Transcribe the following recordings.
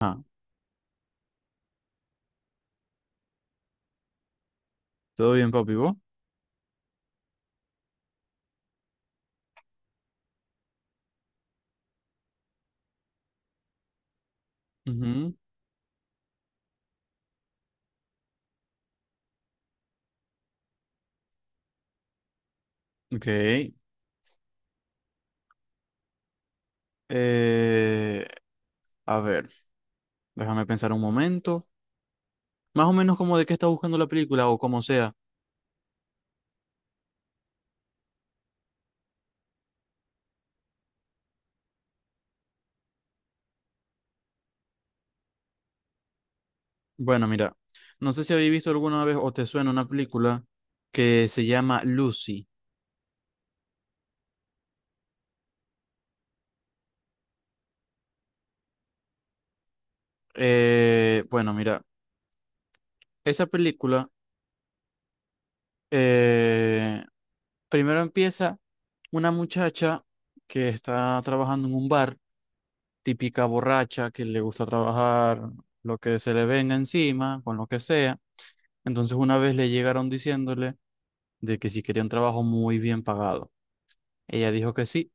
Ah, todo bien, papi, vos. Ujú. Ok. Eh, a ver, déjame pensar un momento. Más o menos como de qué está buscando la película o como sea. Bueno, mira, no sé si habéis visto alguna vez o te suena una película que se llama Lucy. Bueno, mira, esa película eh, primero empieza una muchacha que está trabajando en un bar, típica borracha que le gusta trabajar lo que se le venga encima, con lo que sea. Entonces una vez le llegaron diciéndole de que si quería un trabajo muy bien pagado. Ella dijo que sí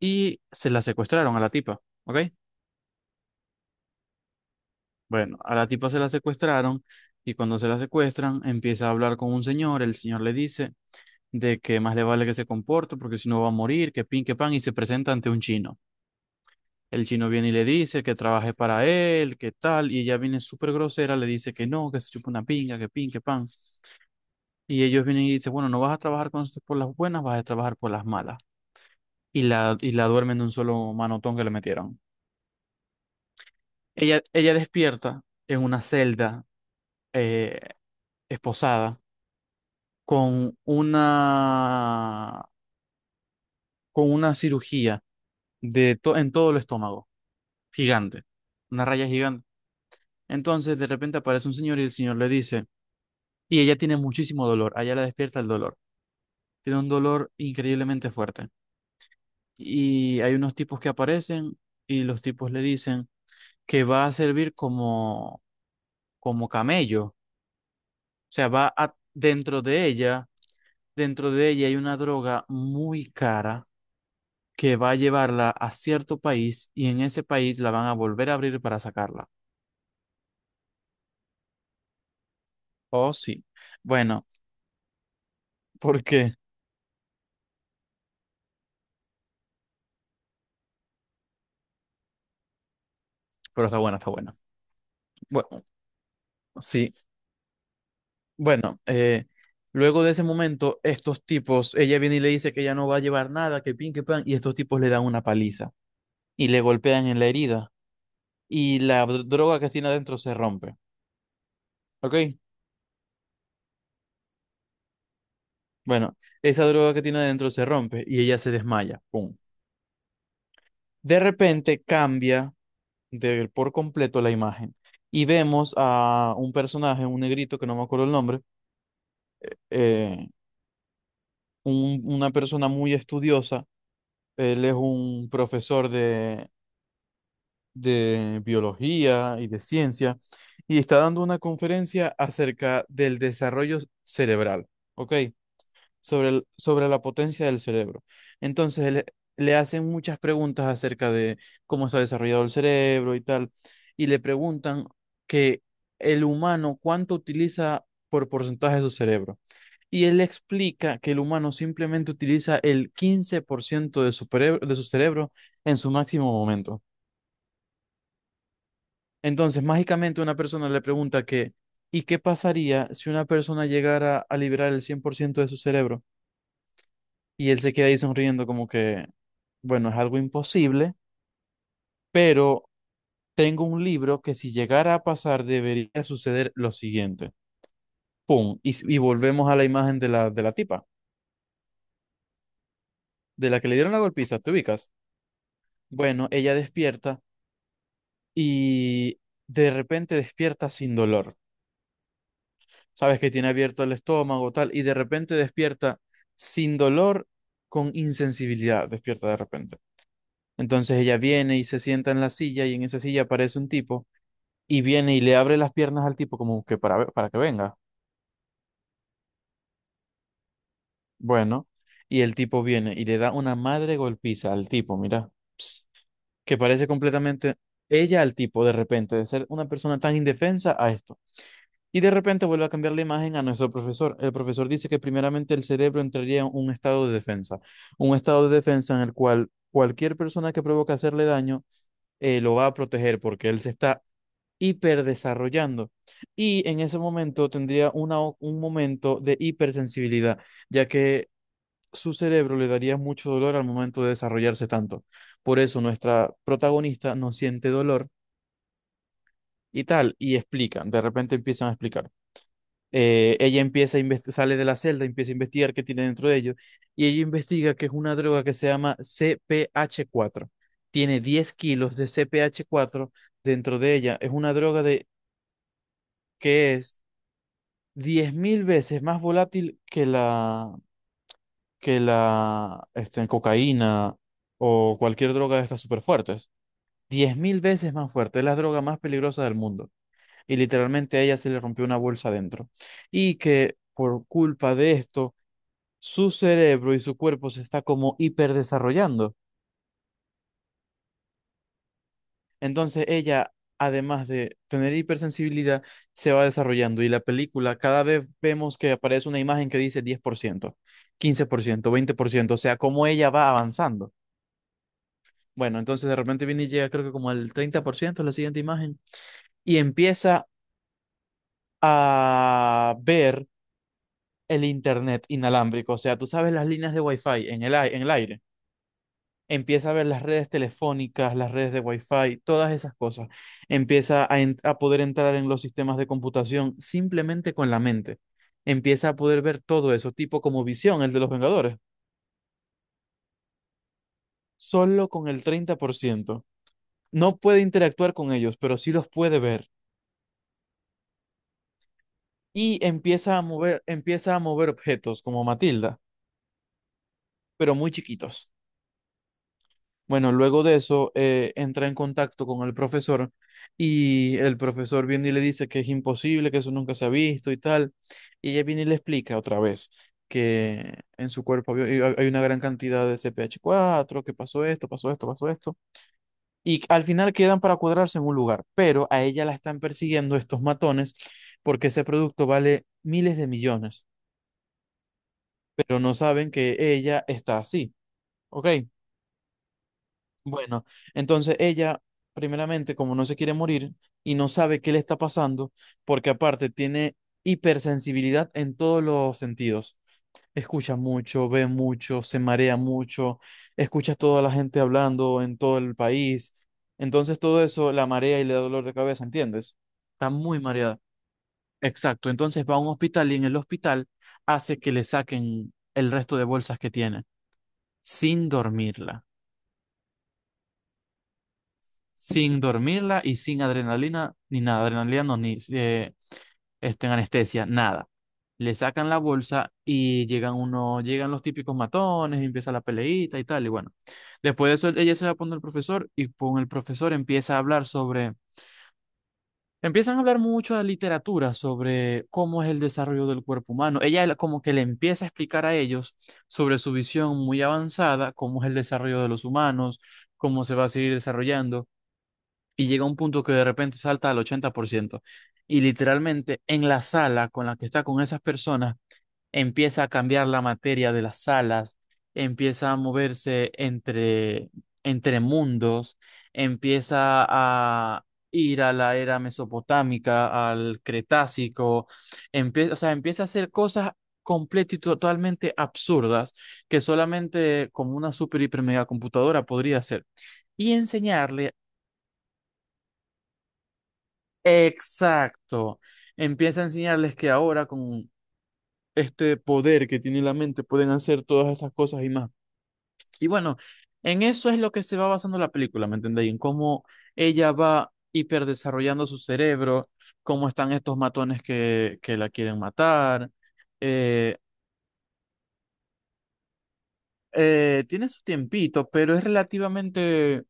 y se la secuestraron a la tipa, ¿ok? Bueno, a la tipa se la secuestraron y cuando se la secuestran empieza a hablar con un señor. El señor le dice de que más le vale que se comporte porque si no va a morir, que pin, que pan, y se presenta ante un chino. El chino viene y le dice que trabaje para él, que tal, y ella viene súper grosera, le dice que no, que se chupa una pinga, que pin, que pan. Y ellos vienen y dicen, bueno, no vas a trabajar con nosotros por las buenas, vas a trabajar por las malas. Y la duermen de un solo manotón que le metieron. Ella despierta en una celda, eh, esposada, con una, con una cirugía en todo el estómago, gigante, una raya gigante. Entonces, de repente aparece un señor y el señor le dice. Y ella tiene muchísimo dolor, a ella la despierta el dolor. Tiene un dolor increíblemente fuerte. Y hay unos tipos que aparecen y los tipos le dicen que va a servir como camello. O sea, dentro de ella hay una droga muy cara que va a llevarla a cierto país y en ese país la van a volver a abrir para sacarla. Oh, sí. Bueno, ¿por qué? Pero está buena, está buena. Bueno, sí. Bueno, luego de ese momento, estos tipos, ella viene y le dice que ya no va a llevar nada, que pin, que pan, y estos tipos le dan una paliza y le golpean en la herida y la droga que tiene adentro se rompe, ¿ok? Bueno, esa droga que tiene adentro se rompe y ella se desmaya, ¡pum! De repente cambia por completo la imagen y vemos a un personaje, un negrito que no me acuerdo el nombre, eh, una persona muy estudiosa. Él es un profesor de biología y de ciencia y está dando una conferencia acerca del desarrollo cerebral, ¿ok? Sobre la potencia del cerebro. Entonces le hacen muchas preguntas acerca de cómo está desarrollado el cerebro y tal, y le preguntan que el humano cuánto utiliza por porcentaje de su cerebro. Y él explica que el humano simplemente utiliza el 15% de su cerebro en su máximo momento. Entonces, mágicamente una persona le pregunta que, ¿y qué pasaría si una persona llegara a liberar el 100% de su cerebro? Y él se queda ahí sonriendo como que, bueno, es algo imposible, pero tengo un libro que si llegara a pasar debería suceder lo siguiente. ¡Pum! Y volvemos a la imagen de la tipa, de la que le dieron la golpiza, ¿te ubicas? Bueno, ella despierta y de repente despierta sin dolor. Sabes que tiene abierto el estómago, tal, y de repente despierta sin dolor, con insensibilidad, despierta de repente. Entonces ella viene y se sienta en la silla y en esa silla aparece un tipo, y viene y le abre las piernas al tipo como que para, para que venga. Bueno, y el tipo viene y le da una madre golpiza al tipo, mira. Ps, que parece completamente, ella al tipo, de repente, de ser una persona tan indefensa a esto. Y de repente vuelve a cambiar la imagen a nuestro profesor. El profesor dice que primeramente el cerebro entraría en un estado de defensa, un estado de defensa en el cual cualquier persona que provoque hacerle daño, lo va a proteger porque él se está hiperdesarrollando. Y en ese momento tendría un momento de hipersensibilidad, ya que su cerebro le daría mucho dolor al momento de desarrollarse tanto. Por eso nuestra protagonista no siente dolor y tal, y explican, de repente empiezan a explicar. Ella sale de la celda, empieza a investigar qué tiene dentro de ellos, y ella investiga que es una droga que se llama CPH4. Tiene 10 kilos de CPH4 dentro de ella. Es una droga que es 10.000 veces más volátil que la cocaína o cualquier droga de estas súper fuertes. 10.000 veces más fuerte. Es la droga más peligrosa del mundo. Y literalmente a ella se le rompió una bolsa adentro. Y que por culpa de esto su cerebro y su cuerpo se está como hiperdesarrollando. Entonces ella, además de tener hipersensibilidad, se va desarrollando y la película cada vez vemos que aparece una imagen que dice diez por ciento, 15%, 20%, o sea, cómo ella va avanzando. Bueno, entonces de repente viene y llega creo que como al 30% la siguiente imagen, y empieza a ver el internet inalámbrico, o sea, tú sabes, las líneas de wifi en el aire. Empieza a ver las redes telefónicas, las redes de Wi-Fi, todas esas cosas. Empieza a poder entrar en los sistemas de computación simplemente con la mente. Empieza a poder ver todo eso, tipo como Visión, el de los Vengadores, solo con el 30%. No puede interactuar con ellos, pero sí los puede ver. Y empieza a mover objetos como Matilda, pero muy chiquitos. Bueno, luego de eso entra en contacto con el profesor, y el profesor viene y le dice que es imposible, que eso nunca se ha visto y tal. Y ella viene y le explica otra vez que en su cuerpo hay una gran cantidad de CPH4, que pasó esto, pasó esto, pasó esto. Y al final quedan para cuadrarse en un lugar, pero a ella la están persiguiendo estos matones porque ese producto vale miles de millones, pero no saben que ella está así. ¿Ok? Bueno, entonces ella, primeramente, como no se quiere morir y no sabe qué le está pasando, porque aparte tiene hipersensibilidad en todos los sentidos. Escucha mucho, ve mucho, se marea mucho, escucha a toda la gente hablando en todo el país. Entonces todo eso la marea y le da dolor de cabeza, ¿entiendes? Está muy mareada. Exacto, entonces va a un hospital y en el hospital hace que le saquen el resto de bolsas que tiene, sin dormirla. Sin dormirla y sin adrenalina, ni nada, adrenalina no, ni anestesia, nada. Le sacan la bolsa y llegan los típicos matones, y empieza la peleita y tal, y bueno. Después de eso, ella se va a el profesor y con el profesor empiezan a hablar mucho de literatura, sobre cómo es el desarrollo del cuerpo humano. Ella como que le empieza a explicar a ellos sobre su visión muy avanzada, cómo es el desarrollo de los humanos, cómo se va a seguir desarrollando, y llega a un punto que de repente salta al 80%. Y literalmente en la sala con la que está con esas personas, empieza a cambiar la materia de las salas, empieza a moverse entre, mundos, empieza a ir a la era mesopotámica, al Cretácico, empieza, o sea, empieza a hacer cosas completas y totalmente absurdas que solamente como una super hiper mega computadora podría hacer y enseñarle. Exacto. Empieza a enseñarles que ahora con este poder que tiene la mente pueden hacer todas estas cosas y más. Y bueno, en eso es lo que se va basando la película, ¿me entendéis? En cómo ella va hiperdesarrollando su cerebro, cómo están estos matones que la quieren matar. Eh, Tiene su tiempito, pero es relativamente,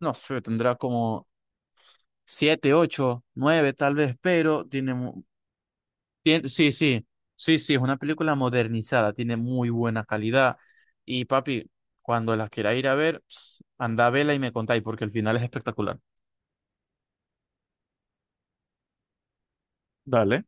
no sé, tendrá como siete, ocho, nueve tal vez, pero tiene mu-. Sí, sí, sí, sí, es una película modernizada, tiene muy buena calidad. Y papi, cuando la quiera ir a ver, anda a vela y me contáis, porque el final es espectacular. Dale.